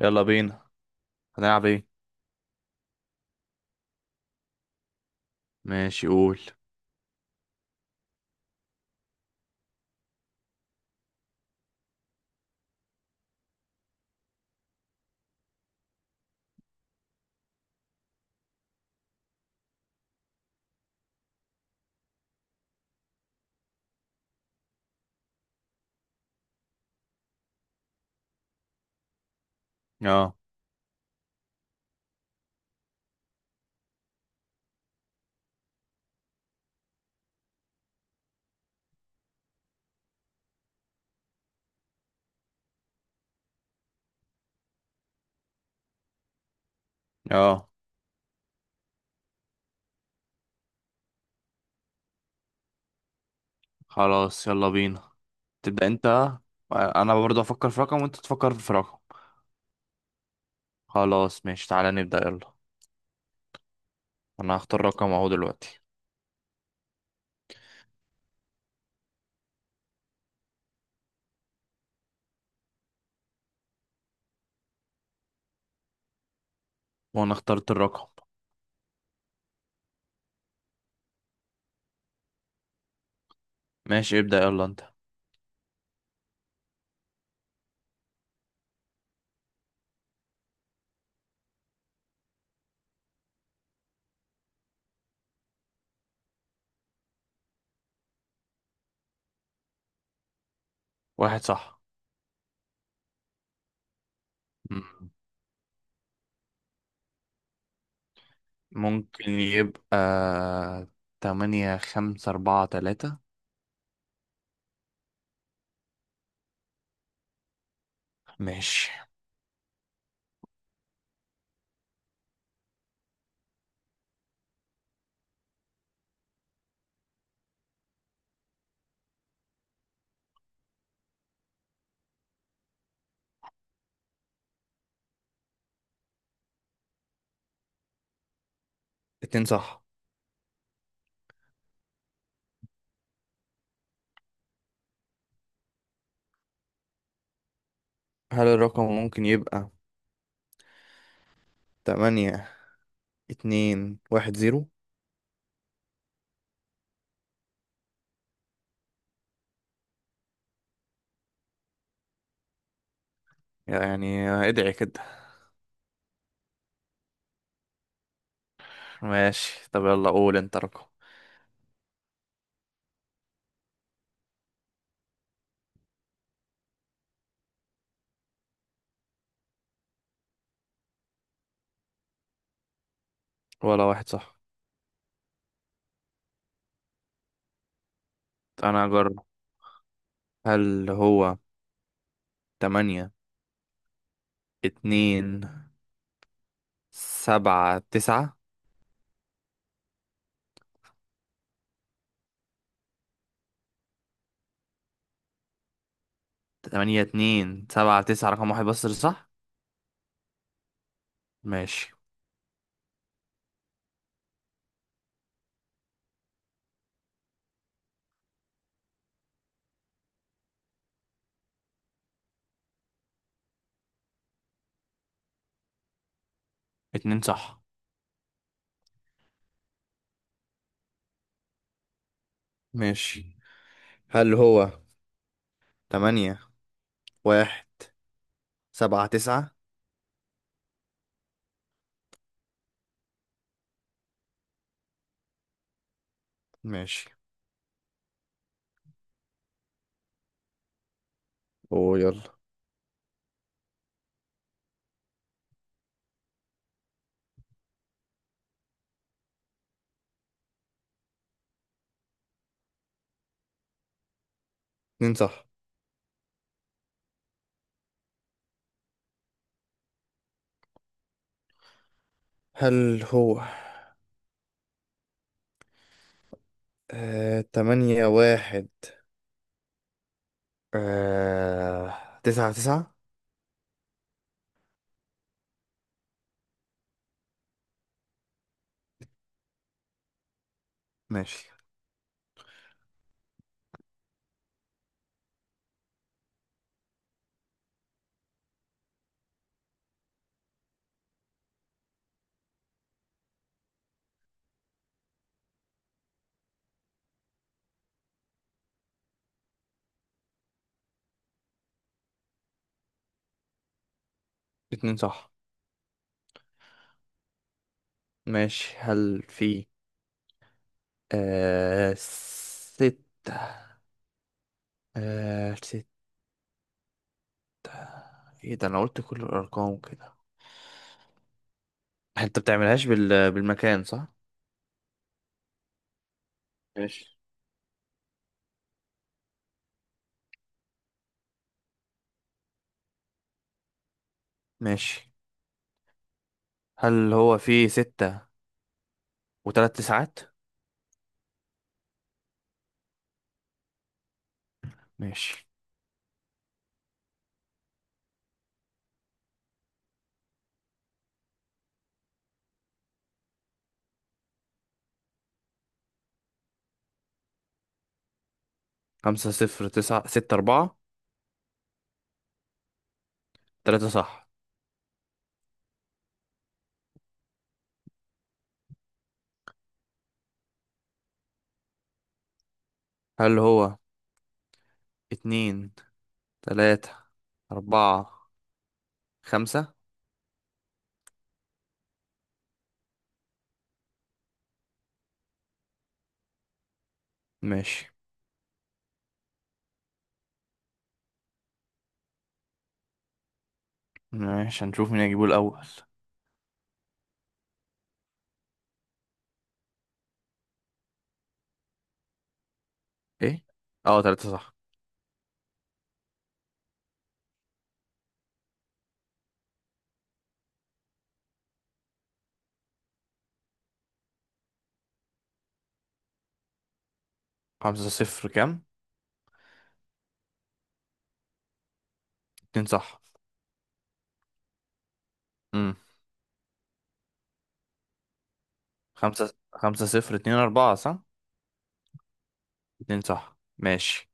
يلا بينا. هنلعب ايه؟ ماشي، قول. اه، اه، خلاص يلا بينا، تبدأ انت. انا برضه افكر في رقم وانت تفكر في رقم. خلاص ماشي، تعالى نبدأ يلا. انا هختار رقم اهو دلوقتي. وانا اخترت الرقم. ماشي، ابدأ يلا انت. واحد صح. مم. ممكن يبقى تمانية خمسة أربعة تلاتة. ماشي، اتنين صح. هل الرقم ممكن يبقى تمانية اتنين واحد زيرو؟ يعني ادعي كده. ماشي، طب يلا قول انت رقم. ولا واحد صح. انا اجرب. هل هو تمانية اتنين سبعة تسعة؟ تمانية اتنين سبعة تسعة، رقم واحد بس اللي صح. ماشي. اتنين صح. ماشي، هل هو تمانية واحد سبعة تسعة؟ ماشي. اوه، يلا. اتنين صح. هل هو تمانية واحد تسعة تسعة؟ ماشي. اتنين صح. ماشي، هل في ستة، ستة؟ ايه ده، انا قلت كل الارقام كده. انت بتعملهاش بالمكان صح؟ ماشي. ماشي، هل هو فيه ستة وتلات تسعات؟ ماشي. خمسة صفر تسعة ستة أربعة. تلاتة صح. هل هو اتنين تلاتة أربعة خمسة؟ ماشي. ماشي، هنشوف مين هيجيبه الأول. ايه. اه، تلاتة صح. خمسة صفر كام؟ اتنين صح. امم خمسة صفر اتنين أربعة صح. اتنين صح. ماشي،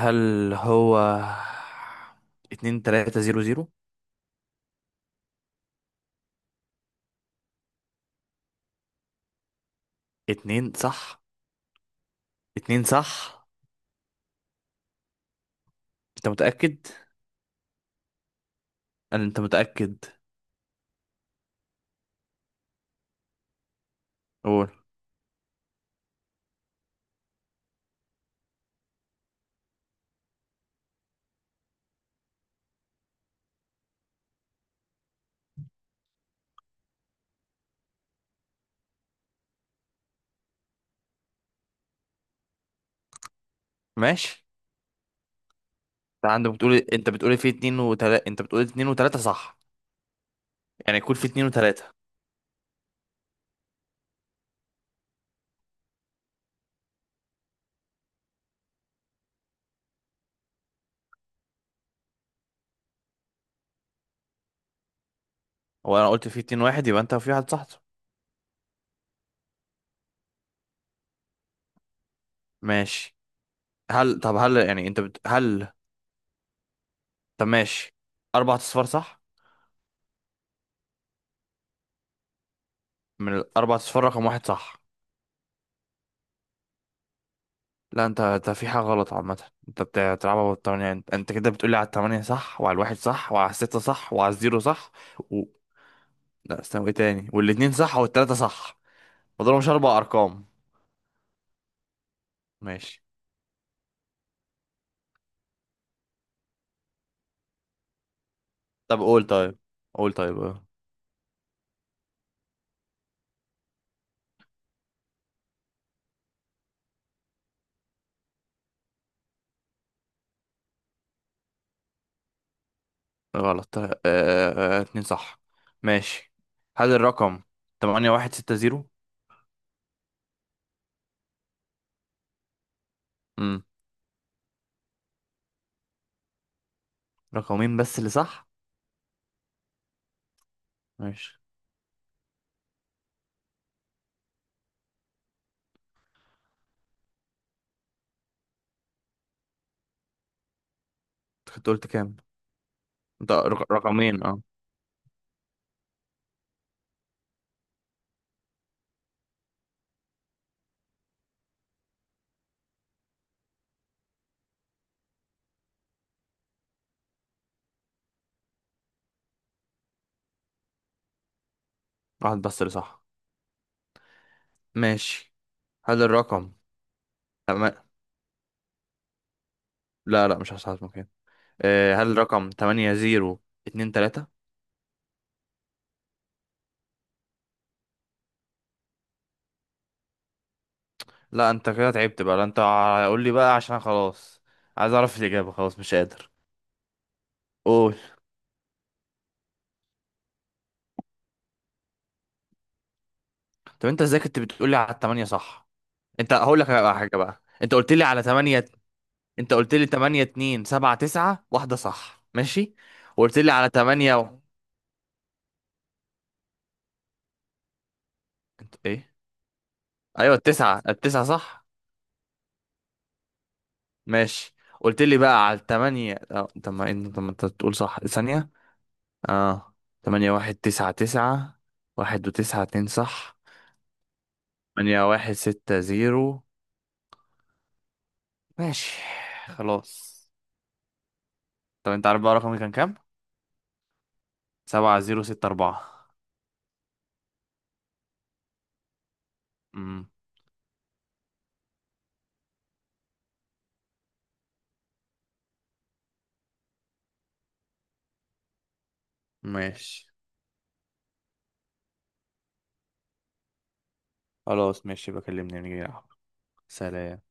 هل هو اتنين تلاتة زيرو زيرو؟ اتنين صح. اتنين صح. انت متأكد؟ قال انت متأكد. قول. ماشي، انت عندك بتقول، انت بتقول في اتنين وتلاتة، انت بتقول اتنين وتلاتة صح. يعني يكون في اتنين وتلاتة. وانا قلت في اتنين واحد، يبقى انت في واحد صح. ماشي. هل طب هل يعني انت بت... هل طب ماشي. اربع اصفار صح؟ من الاربع اصفار رقم واحد صح. لا، انت في حاجة غلط. عامة انت بتلعبها بالتمانية. انت كده بتقولي على التمانية صح، وعلى الواحد صح، وعلى الستة صح، وعلى الزيرو صح، و... لا استنى، ايه تاني، والاتنين صح والتلاتة صح. مضربهمش أربع أرقام. ماشي. طب قول طيب. قول طيب اه. غلط. طيب. اتنين صح. ماشي. هل الرقم تمانية واحد ستة زيرو؟ امم رقمين بس اللي صح. ماشي. انت كنت قلت كام؟ انت رقمين، اه. واحد بس اللي صح. ماشي. هل الرقم تم- لا، لا، مش هساعدك. هل رقم تمانية زيرو اتنين تلاتة؟ لا، انت كده تعبت بقى. لا انت، قول لي بقى عشان خلاص. عايز اعرف الاجابه، خلاص مش قادر. قول. طب انت ازاي كنت بتقول لي على التمانية صح؟ انت، هقول لك على حاجه بقى، انت قلت لي على تمانية. انت قلت لي تمانية اتنين سبعة تسعة واحده صح، ماشي. وقلت لي على تمانية و... انت ايه؟ ايوه التسعة التسعة صح. ماشي. قلت لي بقى على التمانية اه، طب ما انت تقول صح ثانيه. اه. تمانية واحد تسعة تسعة. واحد وتسعة، اتنين صح. تمانية واحد ستة زيرو. ماشي. خلاص. طب انت عارف بقى رقمي كان كام؟ سبعة زيرو ستة أربعة. امم ماشي. خلاص ماشي، بكلمني نيجي نلعب. سلام.